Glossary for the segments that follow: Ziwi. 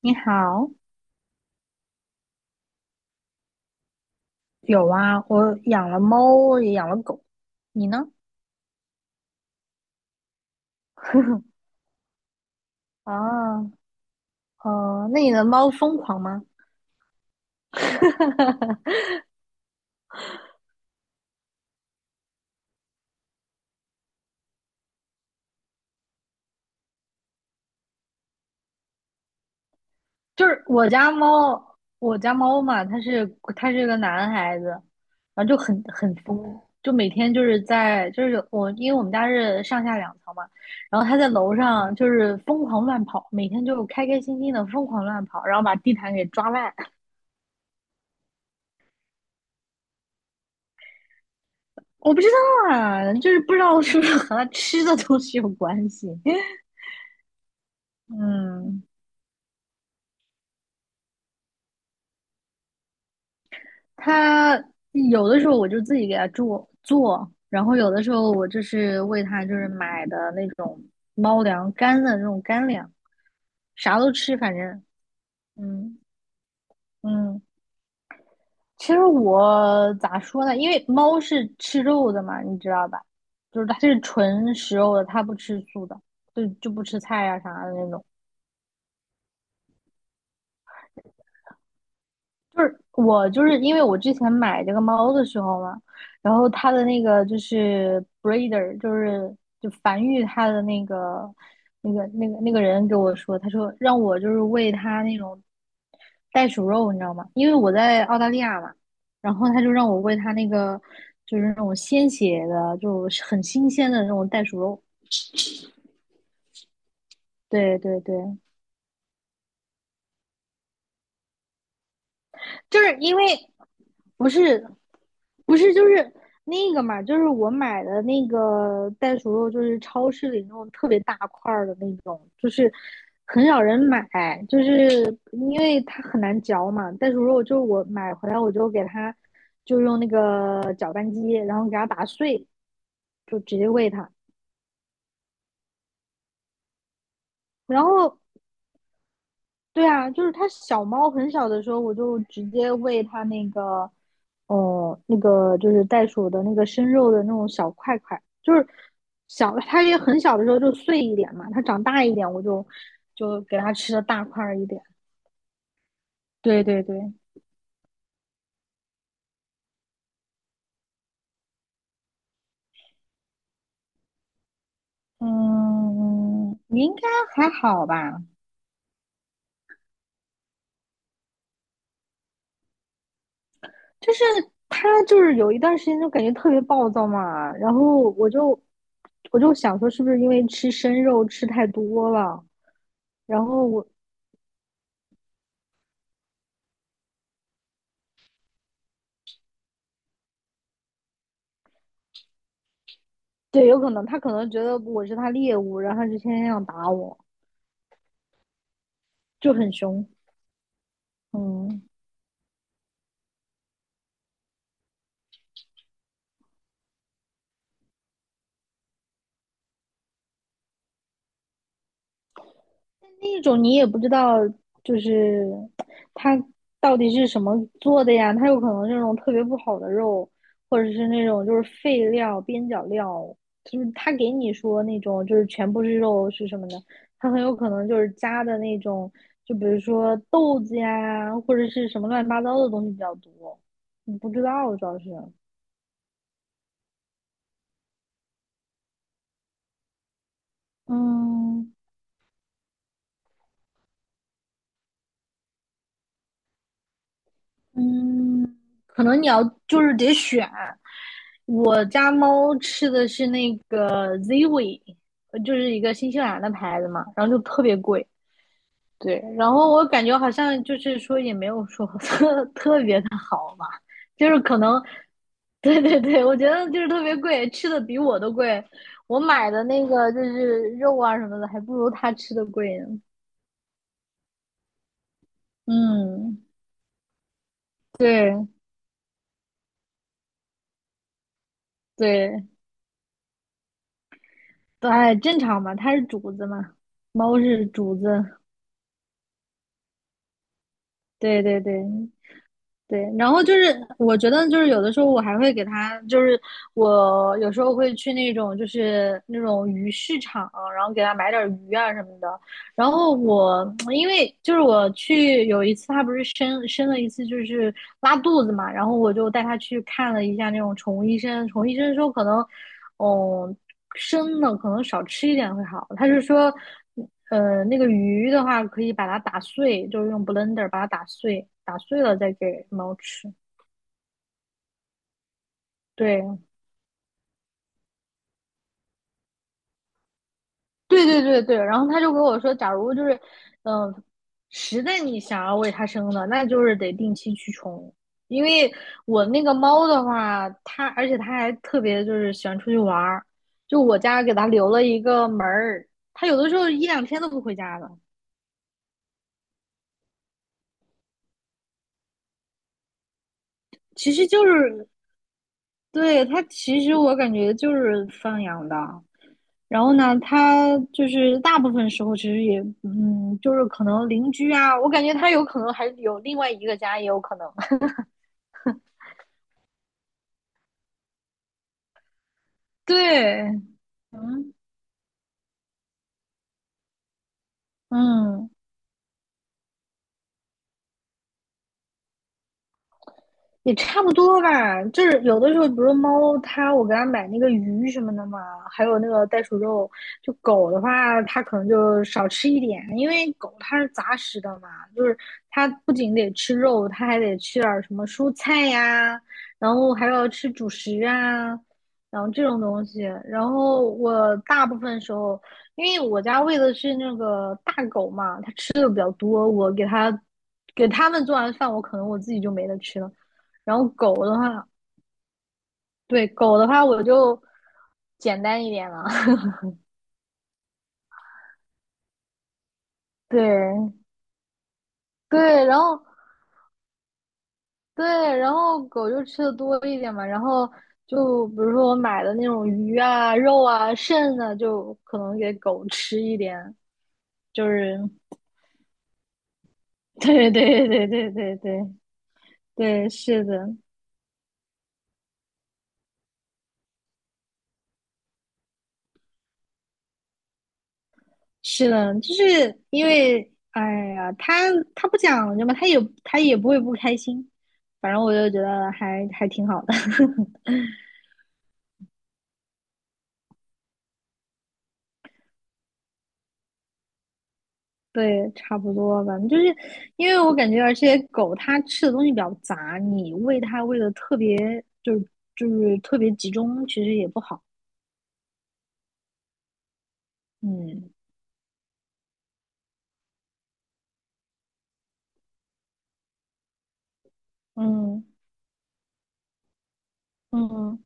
你好，有啊，我养了猫，也养了狗。你呢？啊，哦，那你的猫疯狂吗？哈哈哈哈就是我家猫，我家猫嘛，它是它是个男孩子，然后就很疯，就每天就是在就是我，因为我们家是上下两层嘛，然后它在楼上就是疯狂乱跑，每天就开开心心的疯狂乱跑，然后把地毯给抓烂。我不知道啊，就是不知道是不是和它吃的东西有关系。嗯，它有的时候我就自己给它做，然后有的时候我就是喂它就是买的那种猫粮干的那种干粮，啥都吃，反正嗯嗯。其实我咋说呢？因为猫是吃肉的嘛，你知道吧？就是它是纯食肉的，它不吃素的，就不吃菜呀、啥的那种。就是我就是因为我之前买这个猫的时候嘛，然后它的那个就是 breeder，就繁育它的那个那个人给我说，他说让我就是喂它那种袋鼠肉，你知道吗？因为我在澳大利亚嘛，然后他就让我喂它那个就是那种鲜血的，就是很新鲜的那种袋鼠肉。对对对，就是因为不是不是就是那个嘛，就是我买的那个袋鼠肉，就是超市里那种特别大块的那种，就是很少人买，就是因为它很难嚼嘛。袋鼠肉就是我买回来，我就给它就用那个搅拌机，然后给它打碎，就直接喂它。然后对啊，就是它小猫很小的时候，我就直接喂它那个，哦，那个就是袋鼠的那个生肉的那种小块块，就是小，它也很小的时候就碎一点嘛，它长大一点我就给它吃的大块儿一点。对对对，嗯，应该还好吧，就是它就是有一段时间就感觉特别暴躁嘛，然后我就想说是不是因为吃生肉吃太多了。然后我对，有可能他可能觉得我是他猎物，然后就天天想打我，就很凶。嗯，那种你也不知道，就是他到底是什么做的呀？他有可能是那种特别不好的肉，或者是那种就是废料、边角料，就是他给你说那种就是全部是肉是什么的，他很有可能就是加的那种，就比如说豆子呀，或者是什么乱七八糟的东西比较多，你不知道主要是，嗯。嗯，可能你要就是得选。我家猫吃的是那个 Ziwi，就是一个新西兰的牌子嘛，然后就特别贵。对，然后我感觉好像就是说也没有说 特别的好吧，就是可能，对对对，我觉得就是特别贵，吃的比我都贵。我买的那个就是肉啊什么的，还不如它吃的贵呢。嗯，对对。对，哎正常嘛，它是主子嘛，猫是主子，对对对对。然后就是，我觉得就是有的时候我还会给它，就是我有时候会去那种就是那种鱼市场，然后给它买点儿鱼啊什么的。然后我因为就是我去有一次，他不是生了一次就是拉肚子嘛，然后我就带他去看了一下那种宠物医生。宠物医生说可能，哦，生的可能少吃一点会好。他就说，那个鱼的话可以把它打碎，就是用 blender 把它打碎，打碎了再给猫吃。对，对对对对，然后他就跟我说，假如就是，嗯、实在你想要为它生的，那就是得定期驱虫。因为我那个猫的话，它而且它还特别就是喜欢出去玩儿，就我家给它留了一个门儿，它有的时候一两天都不回家的。其实就是对它，其实我感觉就是放养的。然后呢，它就是大部分时候其实也，嗯，就是可能邻居啊，我感觉它有可能还有另外一个家，也有可能。对，嗯嗯，也差不多吧。就是有的时候，比如猫，它我给它买那个鱼什么的嘛，还有那个袋鼠肉。就狗的话，它可能就少吃一点，因为狗它是杂食的嘛，就是它不仅得吃肉，它还得吃点儿什么蔬菜呀，然后还要吃主食啊，然后这种东西。然后我大部分时候，因为我家喂的是那个大狗嘛，多，我给它给它们做完饭，我可能自己就没得吃了。然后狗的话，对狗的话，我就简单一点了。对对，然后对，然后狗就吃的多一点嘛。然后就比如说我买的那种鱼啊、肉啊、肾啊，就可能给狗吃一点。就是 对对对对对对对，是的。是的，就是因为，哎呀，他不讲究嘛，他也不会不开心，反正我就觉得还挺好的，对，差不多吧。就是因为我感觉，而且狗它吃的东西比较杂，你喂它喂的特别，就是就是特别集中，其实也不好。嗯嗯嗯嗯。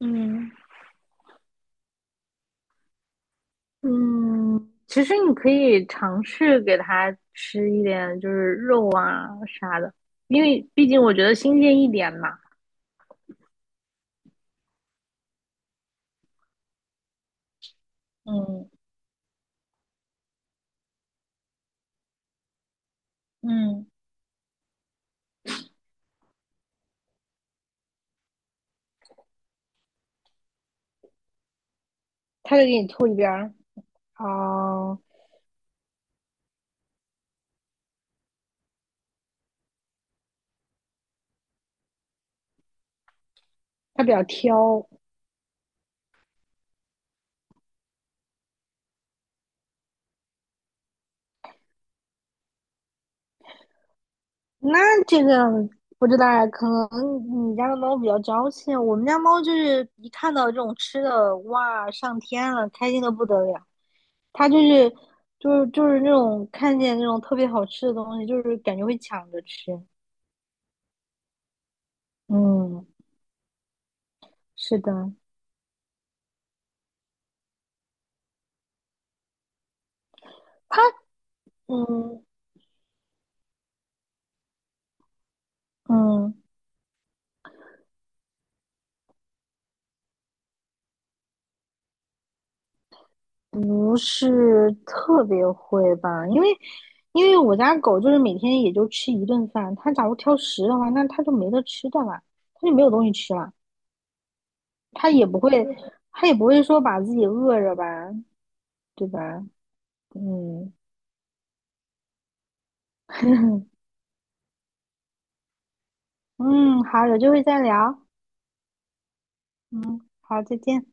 嗯嗯，其实你可以尝试给它吃一点，就是肉啊啥的，因为毕竟我觉得新鲜一点嘛。嗯嗯，它就给你吐一边儿，哦，它比较挑。那这个不知道啊，可能你家的猫比较娇气。我们家猫就是一看到这种吃的，哇，上天了，开心的不得了。它就是那种看见那种特别好吃的东西，就是感觉会抢着吃。嗯。是的，嗯嗯，不是特别会吧，因为我家狗就是每天也就吃一顿饭，它假如挑食的话，那它就没得吃的了，它就没有东西吃了，它也不会，它也不会说把自己饿着吧，对吧？嗯嗯，好，有机会再聊，嗯，好，再见。